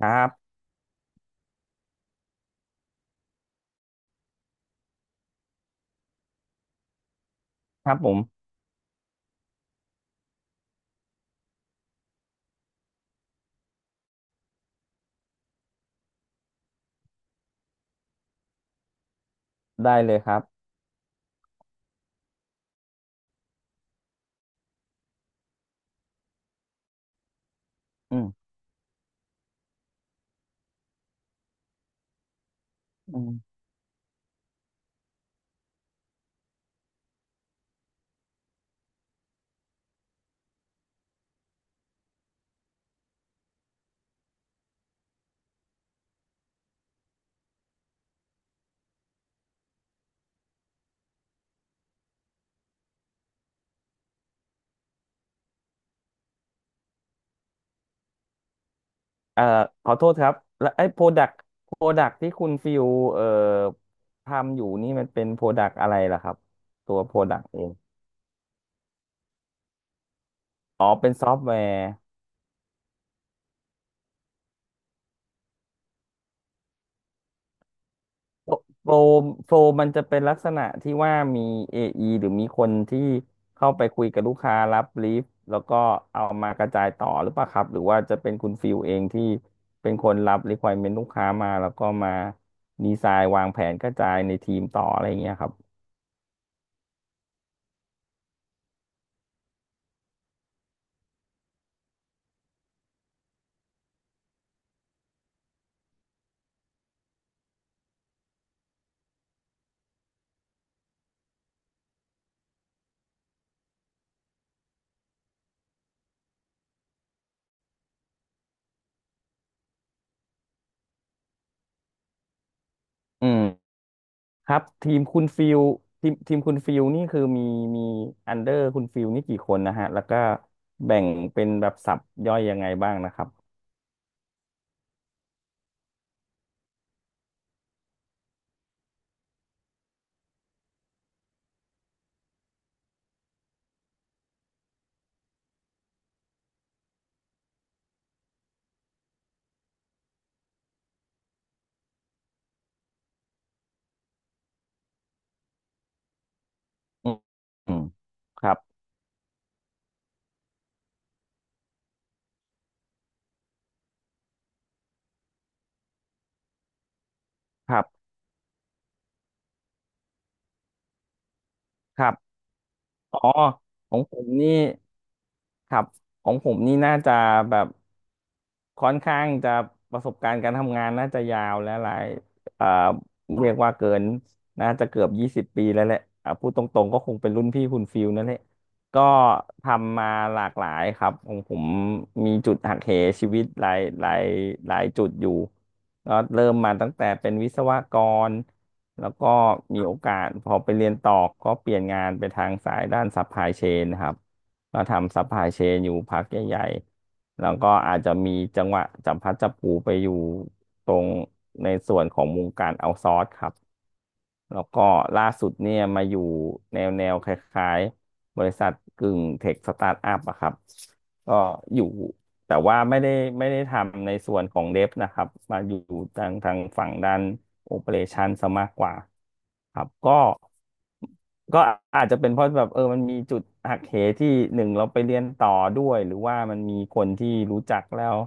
ครับครับผมได้เลยครับอืมอืมเอ่อขอโทษครับแล้วไอ้โปรดักที่คุณฟิวเอ่อทำอยู่นี่มันเป็นโปรดักอะไรล่ะครับตัวโปรดักเองอ๋อเป็นซอฟต์แวร์ โฟลโฟลมันจะเป็นลักษณะที่ว่ามี AE หรือมีคนที่เข้าไปคุยกับลูกค้ารับบรีฟแล้วก็เอามากระจายต่อหรือเปล่าครับหรือว่าจะเป็นคุณฟิลเองที่เป็นคนรับ requirement ลูกค้ามาแล้วก็มาดีไซน์วางแผนกระจายในทีมต่ออะไรอย่างเงี้ยครับอืมครับทีมคุณฟิลนี่คือมีอันเดอร์คุณฟิลนี่กี่คนนะฮะแล้วก็แบ่งเป็นแบบสับย่อยยังไงบ้างนะครับอืมอืมครับครับครับ อ๋อของผมนี่ครับของผมนี่น่าจะแบบ ค่อนข้างจะประสบการณ์การทำงานน่าจะยาวและหลายเอ่อเรียกว่าเกินน่าจะเกือบ20 ปีแล้วแหละอ่ะพูดตรงๆก็คงเป็นรุ่นพี่คุณฟิลนั่นแหละก็ทำมาหลากหลายครับของผมมีจุดหักเหชีวิตหลายจุดอยู่ก็เริ่มมาตั้งแต่เป็นวิศวกรแล้วก็มีโอกาสพอไปเรียนต่อก็เปลี่ยนงานไปทางสายด้านซัพพลายเชนครับ ก็ทำซัพพลายเชนอยู่พักใหญ่ๆ แล้วก็อาจจะมีจังหวะจับพลัดจับผลูไปอยู่ตรงในส่วนของวงการเอาซอร์สครับ แล้วก็ล่าสุดเนี่ยมาอยู่แนวคล้ายๆบริษัทกึ่งเทคสตาร์ทอัพอะครับก็อยู่ แต่ว่าไม่ได้ทำในส่วนของเดฟนะครับมาอยู่ทางฝั่งด้านโอเปอเรชันซะมากกว่าครับก็อาจจะเป็นเพราะแบบมันมีจุดหักเหที่หนึ่งเราไปเรียนต่อด้วยหรือว่ามันมีคนที่รู้จักแล้ว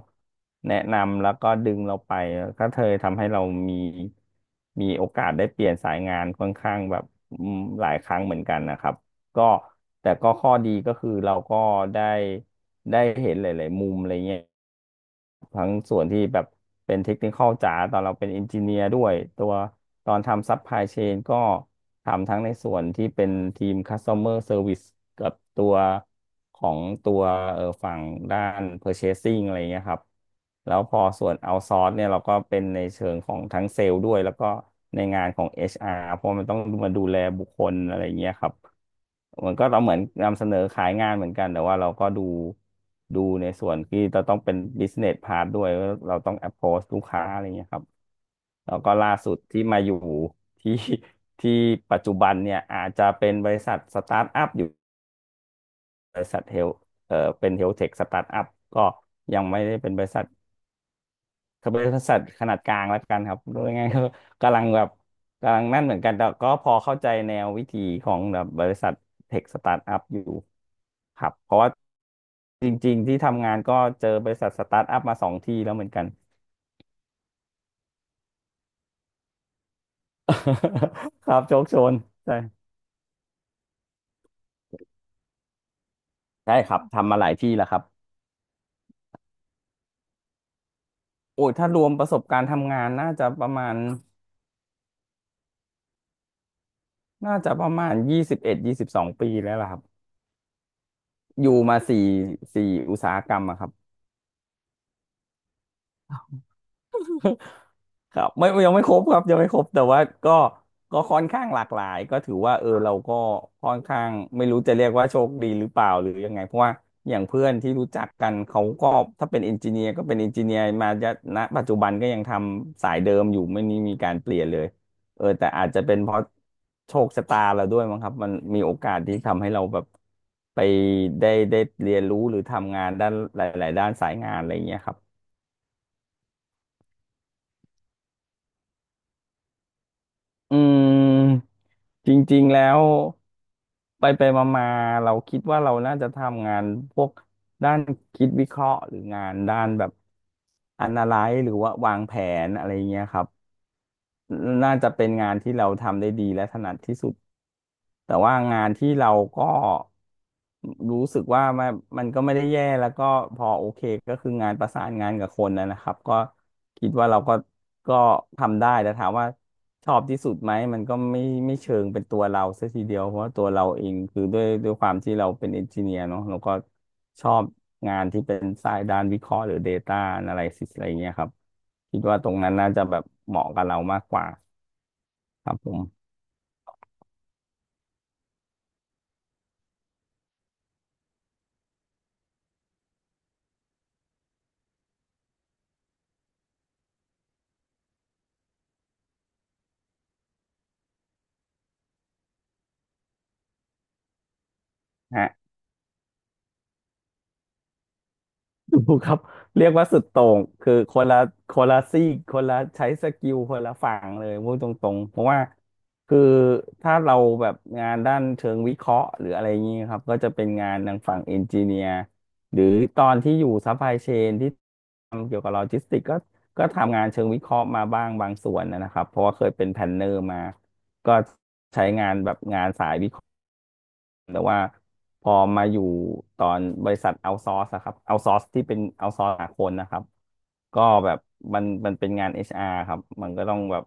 แนะนำแล้วก็ดึงเราไปก็เธอทำให้เรามีมีโอกาสได้เปลี่ยนสายงานค่อนข้างแบบหลายครั้งเหมือนกันนะครับ ก็แต่ก็ข้อดีก็คือเราก็ได้ได้เห็นหลายๆมุมอะไรเงี้ยทั้งส่วนที่แบบเป็นเทคนิคอลจ๋าตอนเราเป็นเอนจิเนียร์ด้วยตัวตอนทำซัพพลายเชนก็ทำทั้งในส่วนที่เป็นทีม Customer Service กับตัวของตัวฝั่งด้าน Purchasing อะไรเงี้ยครับแล้วพอส่วน outsource เนี่ยเราก็เป็นในเชิงของทั้งเซลล์ด้วยแล้วก็ในงานของ HR เพราะมันต้องมาดูแลบุคคลอะไรเงี้ยครับ เหมือนก็เราเหมือนนำเสนอขายงานเหมือนกันแต่ว่าเราก็ดูดูในส่วนที่เราต้องเป็น business part ด้วยว่าเราต้อง approach ลูกค้าอะไรเงี้ยครับแล้วก็ล่าสุดที่มาอยู่ที่ที่ปัจจุบันเนี่ยอาจจะเป็นบริษัทสตาร์ทอัพอยู่บริษัทเป็นเฮลเทคสตาร์ทอัพก็ยังไม่ได้เป็นบริษัท ก็เป็นบริษัทขนาดกลางแล้วกันครับรู้ยังไงก็กำลังแบบกำลังนั่นเหมือนกันแต่ก็พอเข้าใจแนววิธีของแบบบริษัทเทคสตาร์ทอัพอยู่ครับ เพราะว่าจริงๆที่ทำงานก็เจอบริษัทสตาร์ทอัพมาสองที่แล้วเหมือนกัน ครับโชคโชนใช่ใช่ครับทำมาหลายที่แล้วครับโอ้ยถ้ารวมประสบการณ์ทำงานน่าจะประมาณน่าจะประมาณ21-22 ปีแล้วล่ะครับ อยู่มาสี่อุตสาหกรรมอะครับ ครับไม่ยังไม่ครบครับยังไม่ครบแต่ว่าก็ค่อนข้างหลากหลายก็ถือว่าเออเราก็ค่อนข้างไม่รู้จะเรียกว่าโชคดีหรือเปล่าหรือยังไงเพราะว่าอย่างเพื่อนที่รู้จักกันเขาก็ถ้าเป็นเอนจิเนียร์ก็เป็นเอนจิเนียร์มาจะณปัจจุบันก็ยังทำสายเดิมอยู่ไม่มีการเปลี่ยนเลยเออแต่อาจจะเป็นเพราะโชคชะตาเราด้วยมั้งครับมันมีโอกาสที่ทำให้เราแบบไปได้เรียนรู้หรือทำงานด้านหลายๆด้านสายงานอะไรอย่างเงี้ยครับ อืมจริงๆ แล้วไปไปมามาๆเราคิดว่าเราน่าจะทำงานพวกด้านคิดวิเคราะห์หรืองานด้านแบบ analyze หรือว่าวางแผนอะไรเงี้ยครับ น่าจะเป็นงานที่เราทำได้ดีและถนัดที่สุดแต่ว่างานที่เราก็รู้สึกว่ามันก็ไม่ได้แย่แล้วก็พอโอเคก็คืองานประสานงานกับคนนะครับก็คิดว่าเราก็ทำได้แต่ถามว่าชอบที่สุดไหมมันก็ไม่เชิงเป็นตัวเราซะทีเดียวเพราะว่าตัวเราเองคือด้วยความที่เราเป็นเอนจิเนียร์เนาะเราก็ ชอบงานที่เป็นสายด้านวิเคราะห์หรือ Data Analysis อะไรเงี้ยครับคิดว่าตรงนั้นน่าจะแบบเหมาะกับเรามากกว่าครับผมฮะ ดูครับเรียกว่าสุดโต่งคือคนละซีกคนละใช้สกิลคนละฝั่งเลยพูดตรงๆเพราะว่าคือถ้าเราแบบงานด้านเชิงวิเคราะห์หรืออะไรอย่างนี้ครับก็จะเป็นงานทางฝั่งเอนจิเนียร์หรือตอนที่อยู่ซัพพลายเชนที่ทำเกี่ยวกับโลจิสติกก็ทำงานเชิงวิเคราะห์มาบ้างบางส่วนนะครับเพราะว่าเคยเป็นแพลนเนอร์มาก็ แต่ว่าพอมาอยู่ตอนบริษัทเอาซอร์สครับเอาซอร์สที่เป็นเอาซอร์สหาคนนะครับก็แบบมันเป็นงาน HR ครับมันก็ต้องแบบ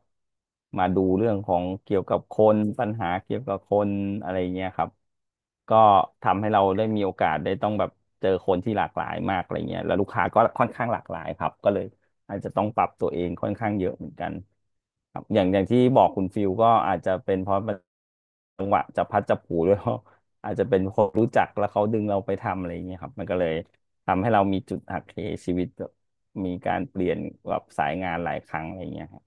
มาดูเรื่องของเกี่ยวกับคนปัญหาเกี่ยวกับคนอะไรเงี้ยครับก็ทำให้เราได้มีโอกาสได้ต้องแบบเจอคนที่หลากหลายมากอะไรเงี้ยแล้วลูกค้าก็ค่อนข้างหลากหลายครับก็เลยอาจจะต้องปรับตัวเองค่อนข้างเยอะเหมือนกันครับอย่างที่บอกคุณฟิลก็อาจจะเป็นเพราะมันจังหวะจะพัดจะผูด้วย เพราะ อาจจะเป็นคนรู้จักแล้วเขาดึงเราไปทำอะไรอย่างเงี้ยครับมันก็เลยทำให้เรามีจุดหักเหชีวิตแบบมีการเปลี่ยนแบบสายงานหลายครั้งอะไรอย่างเงี้ยครับ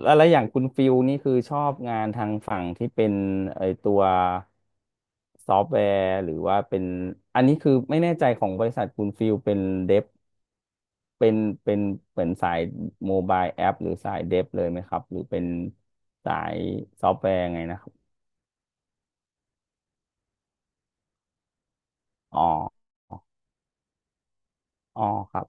แล้วอย่างคุณฟิลนี่คือชอบงานทางฝั่งที่เป็นไอตัวซอฟต์แวร์หรือว่าเป็นอันนี้คือไม่แน่ใจของบริษัทคุณฟิลเป็นเดฟเป็นเป็นเหมือนสายโมบายแอปหรือสายเดฟเลยไหมครับหรือเป็นสายซอฟต์แวร์ไงนะครับอ๋ออ๋อครับ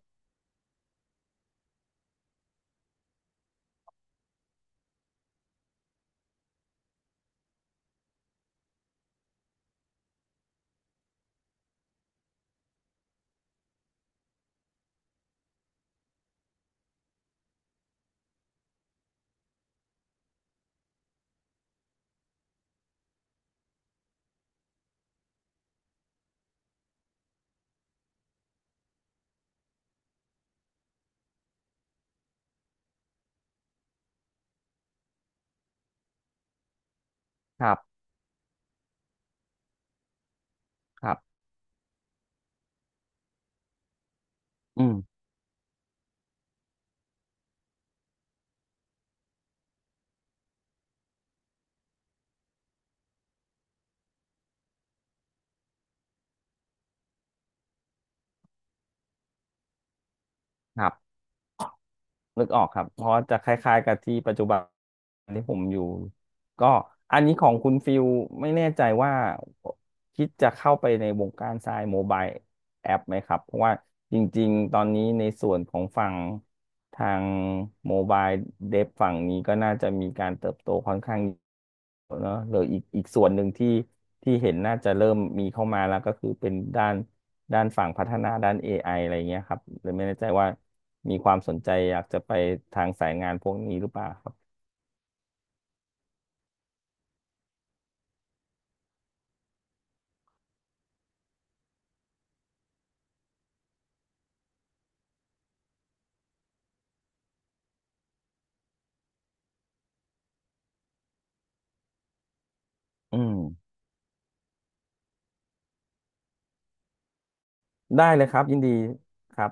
ครับครับ อืมครับนึกออกครับเพราะว่าจะคล้ายๆกับที่ปัจจุบันที่ผมอยู่ก็อันนี้ของคุณฟิลไม่แน่ใจว่าคิดจะเข้าไปในวงการทรายโมบายแอปไหมครับเพราะว่าจริงๆตอนนี้ในส่วนของฝั่งทางโมบายเดฟฝั่งนี้ก็น่าจะมีการเติบโตค่อนข้างเนอะหรืออีกส่วนหนึ่งที่ที่เห็นน่าจะเริ่มมีเข้ามาแล้วก็คือเป็นด้าน ด้านฝั่งพัฒนาด้าน AI อไออะไรเงี้ยครับหรือไม่แน่ใจว่ามีความสนใจอยากจะไปทางสายงานพวกนี้หรือเปล่าครับอืม ได้เลยครับยินดีครับ